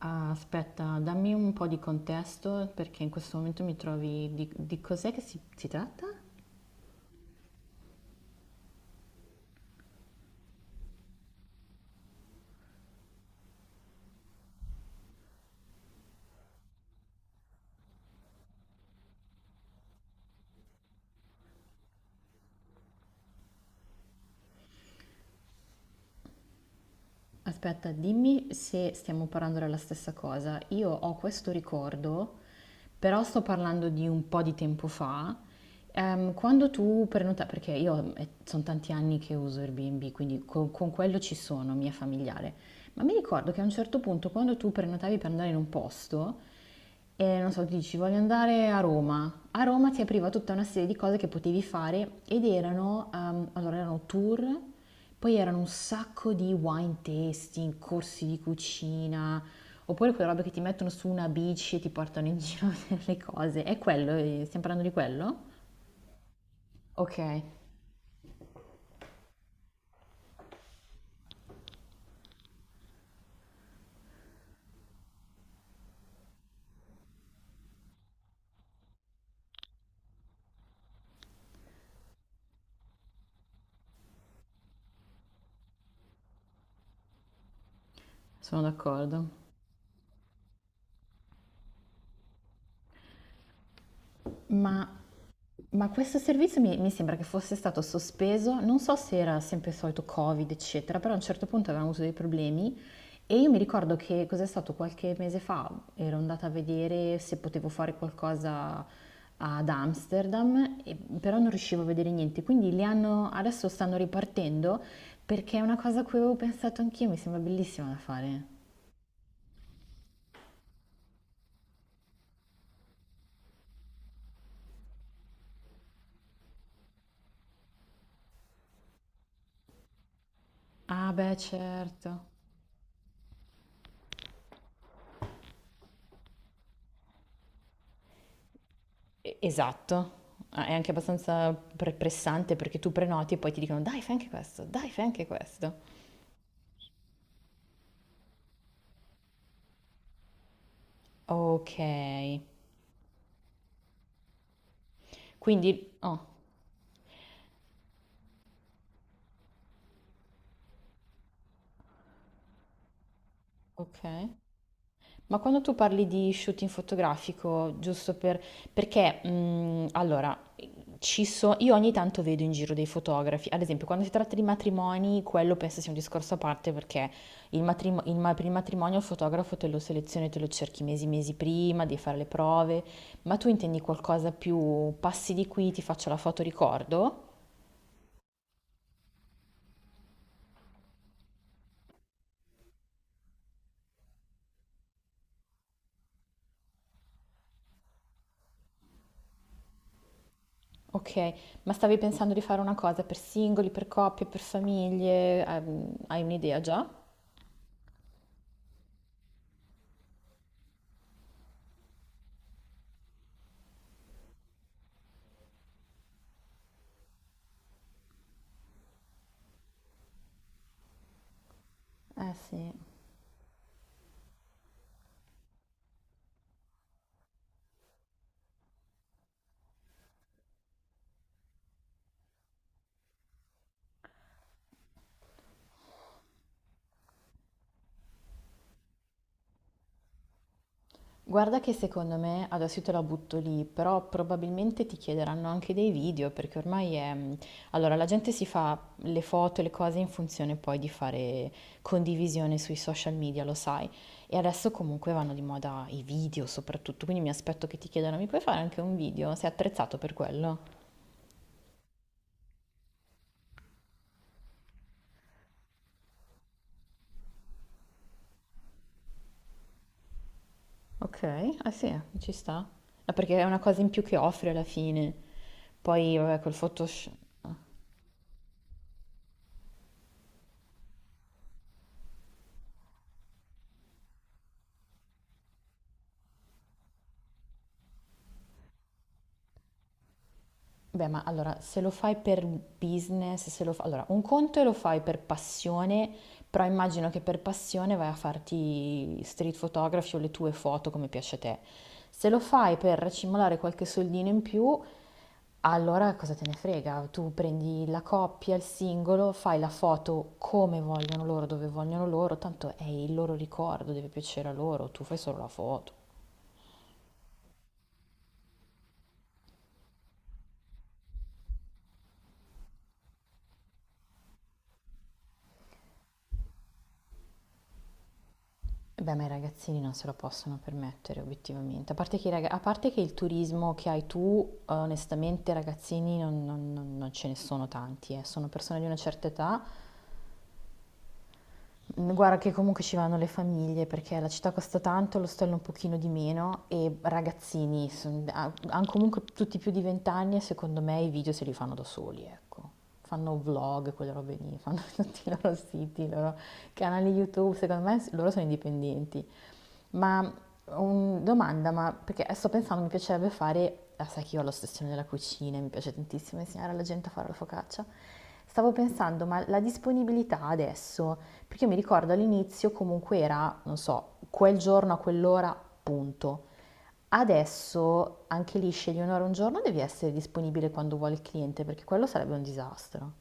Ah, aspetta, dammi un po' di contesto perché in questo momento mi trovi. Di cos'è che si tratta? Aspetta, dimmi se stiamo parlando della stessa cosa. Io ho questo ricordo, però sto parlando di un po' di tempo fa. Quando tu prenotavi, perché io sono tanti anni che uso Airbnb, quindi con quello ci sono, mi è familiare. Ma mi ricordo che a un certo punto, quando tu prenotavi per andare in un posto, e non so, tu dici voglio andare a Roma. A Roma ti apriva tutta una serie di cose che potevi fare ed erano, allora erano tour, poi erano un sacco di wine tasting, corsi di cucina, oppure quelle robe che ti mettono su una bici e ti portano in giro a vedere le cose. È quello, stiamo parlando di quello? Ok, sono d'accordo. Ma Ma questo servizio mi sembra che fosse stato sospeso, non so se era sempre il solito Covid, eccetera, però a un certo punto avevamo avuto dei problemi e io mi ricordo, che cos'è stato qualche mese fa, ero andata a vedere se potevo fare qualcosa ad Amsterdam, però non riuscivo a vedere niente, quindi li hanno, adesso stanno ripartendo perché è una cosa a cui avevo pensato anch'io, mi sembra bellissima da fare. Ah, beh, certo. Esatto. Ah, è anche abbastanza pressante perché tu prenoti e poi ti dicono dai, fai anche questo, dai, fai anche questo. Ok, quindi. Oh, ok. Ma quando tu parli di shooting fotografico, giusto per, perché, allora, io ogni tanto vedo in giro dei fotografi, ad esempio quando si tratta di matrimoni, quello penso sia un discorso a parte perché il matrimo- il ma- per il matrimonio il fotografo te lo selezioni, te lo cerchi mesi, mesi prima, devi fare le prove, ma tu intendi qualcosa più passi di qui, ti faccio la foto ricordo? Ok, ma stavi pensando di fare una cosa per singoli, per coppie, per famiglie? Hai un'idea già? Eh sì, guarda che secondo me, adesso io te la butto lì, però probabilmente ti chiederanno anche dei video perché ormai è. Allora, la gente si fa le foto e le cose in funzione poi di fare condivisione sui social media, lo sai. E adesso comunque vanno di moda i video soprattutto, quindi mi aspetto che ti chiedano, mi puoi fare anche un video? Sei attrezzato per quello? Ok, ah sì, ci sta. No, perché è una cosa in più che offri alla fine. Poi, vabbè, col Photoshop. Beh, ma allora, se lo fai per business, se lo fa. Allora, un conto è lo fai per passione, però immagino che per passione vai a farti street photography o le tue foto come piace a te. Se lo fai per racimolare qualche soldino in più, allora cosa te ne frega? Tu prendi la coppia, il singolo, fai la foto come vogliono loro, dove vogliono loro, tanto è il loro ricordo, deve piacere a loro, tu fai solo la foto. Eh, beh, ma i ragazzini non se lo possono permettere, obiettivamente. A parte che, a parte che il turismo che hai tu, onestamente, ragazzini non ce ne sono tanti, eh. Sono persone di una certa età. Guarda che comunque ci vanno le famiglie, perché la città costa tanto, l'ostello un pochino di meno, e ragazzini, hanno comunque tutti più di 20 anni e secondo me i video se li fanno da soli, ecco. Fanno vlog, quelle robe lì, fanno tutti i loro siti, i loro canali YouTube, secondo me loro sono indipendenti. Ma domanda, ma perché sto pensando, mi piacerebbe fare, ah, sai che io ho l'ossessione della cucina, e mi piace tantissimo insegnare alla gente a fare la focaccia. Stavo pensando, ma la disponibilità adesso, perché io mi ricordo all'inizio comunque era, non so, quel giorno a quell'ora, punto. Adesso anche lì scegli un'ora un giorno, devi essere disponibile quando vuole il cliente, perché quello sarebbe un disastro.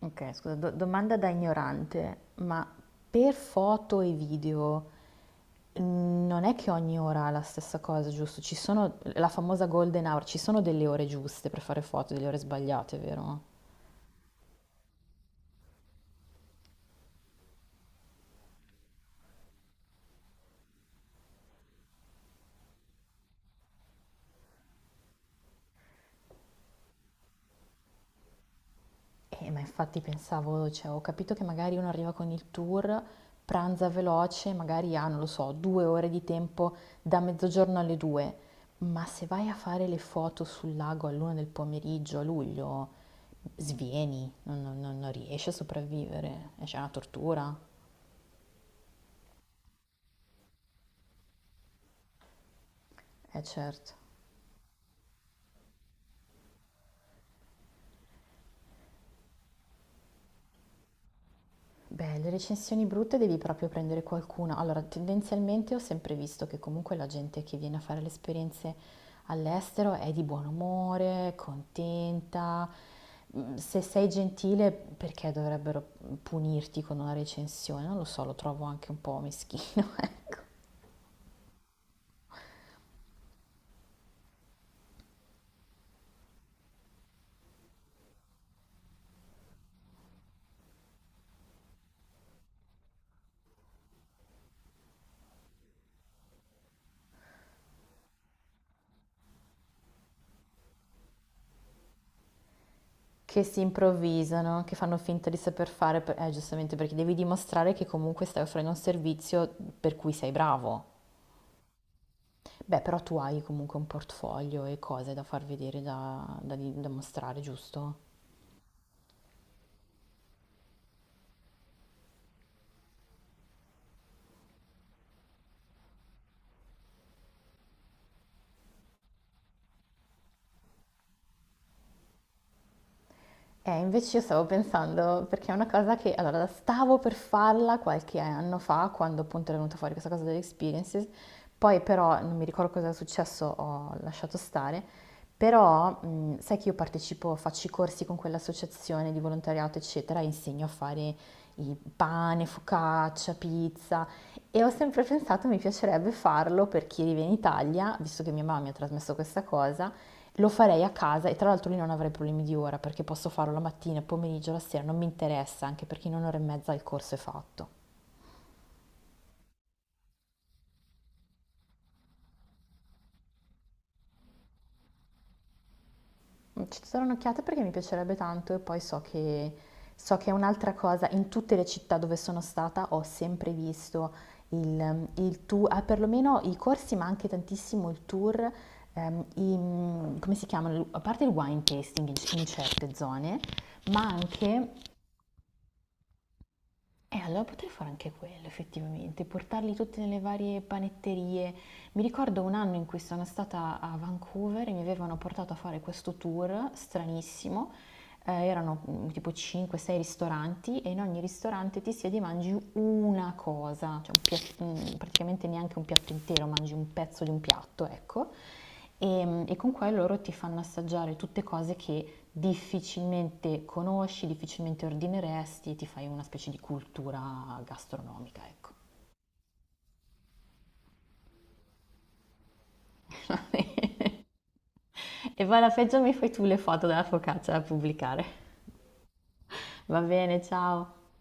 Ok, scusa, domanda da ignorante, ma per foto e video, non è che ogni ora ha la stessa cosa, giusto? Ci sono la famosa golden hour, ci sono delle ore giuste per fare foto, delle ore sbagliate, vero? Ma infatti pensavo, cioè ho capito che magari uno arriva con il tour, pranza veloce, magari ha, non lo so, 2 ore di tempo da mezzogiorno alle due, ma se vai a fare le foto sul lago all'una del pomeriggio a luglio, svieni, non riesci a sopravvivere, c'è una tortura, eh certo. Beh, le recensioni brutte devi proprio prendere qualcuna. Allora, tendenzialmente ho sempre visto che comunque la gente che viene a fare le esperienze all'estero è di buon umore, contenta. Se sei gentile, perché dovrebbero punirti con una recensione? Non lo so, lo trovo anche un po' meschino, ecco. Che si improvvisano, che fanno finta di saper fare, giustamente perché devi dimostrare che comunque stai offrendo un servizio per cui sei bravo. Beh, però tu hai comunque un portfolio e cose da far vedere, da mostrare, giusto? Invece io stavo pensando, perché è una cosa che, allora, stavo per farla qualche anno fa, quando appunto era venuta fuori questa cosa delle experiences, poi però, non mi ricordo cosa è successo, ho lasciato stare, però sai che io partecipo, faccio i corsi con quell'associazione di volontariato, eccetera, e insegno a fare il pane, focaccia, pizza, e ho sempre pensato mi piacerebbe farlo per chi vive in Italia, visto che mia mamma mi ha trasmesso questa cosa, lo farei a casa e tra l'altro lì non avrei problemi di ora perché posso farlo la mattina, il pomeriggio, la sera, non mi interessa, anche perché in un'ora e mezza il corso è fatto. Ci darò un'occhiata perché mi piacerebbe tanto e poi so che, è un'altra cosa, in tutte le città dove sono stata ho sempre visto il tour, ah, perlomeno i corsi ma anche tantissimo il tour, come si chiamano, a parte il wine tasting in certe zone, ma anche e allora potrei fare anche quello, effettivamente, portarli tutti nelle varie panetterie. Mi ricordo un anno in cui sono stata a Vancouver e mi avevano portato a fare questo tour stranissimo. Erano, tipo 5-6 ristoranti e in ogni ristorante ti siedi e mangi una cosa, cioè praticamente neanche un piatto intero, mangi un pezzo di un piatto, ecco. E con quello loro ti fanno assaggiare tutte cose che difficilmente conosci, difficilmente ordineresti e ti fai una specie di cultura gastronomica, ecco. E poi alla peggio mi fai tu le foto della focaccia da pubblicare. Va bene, ciao.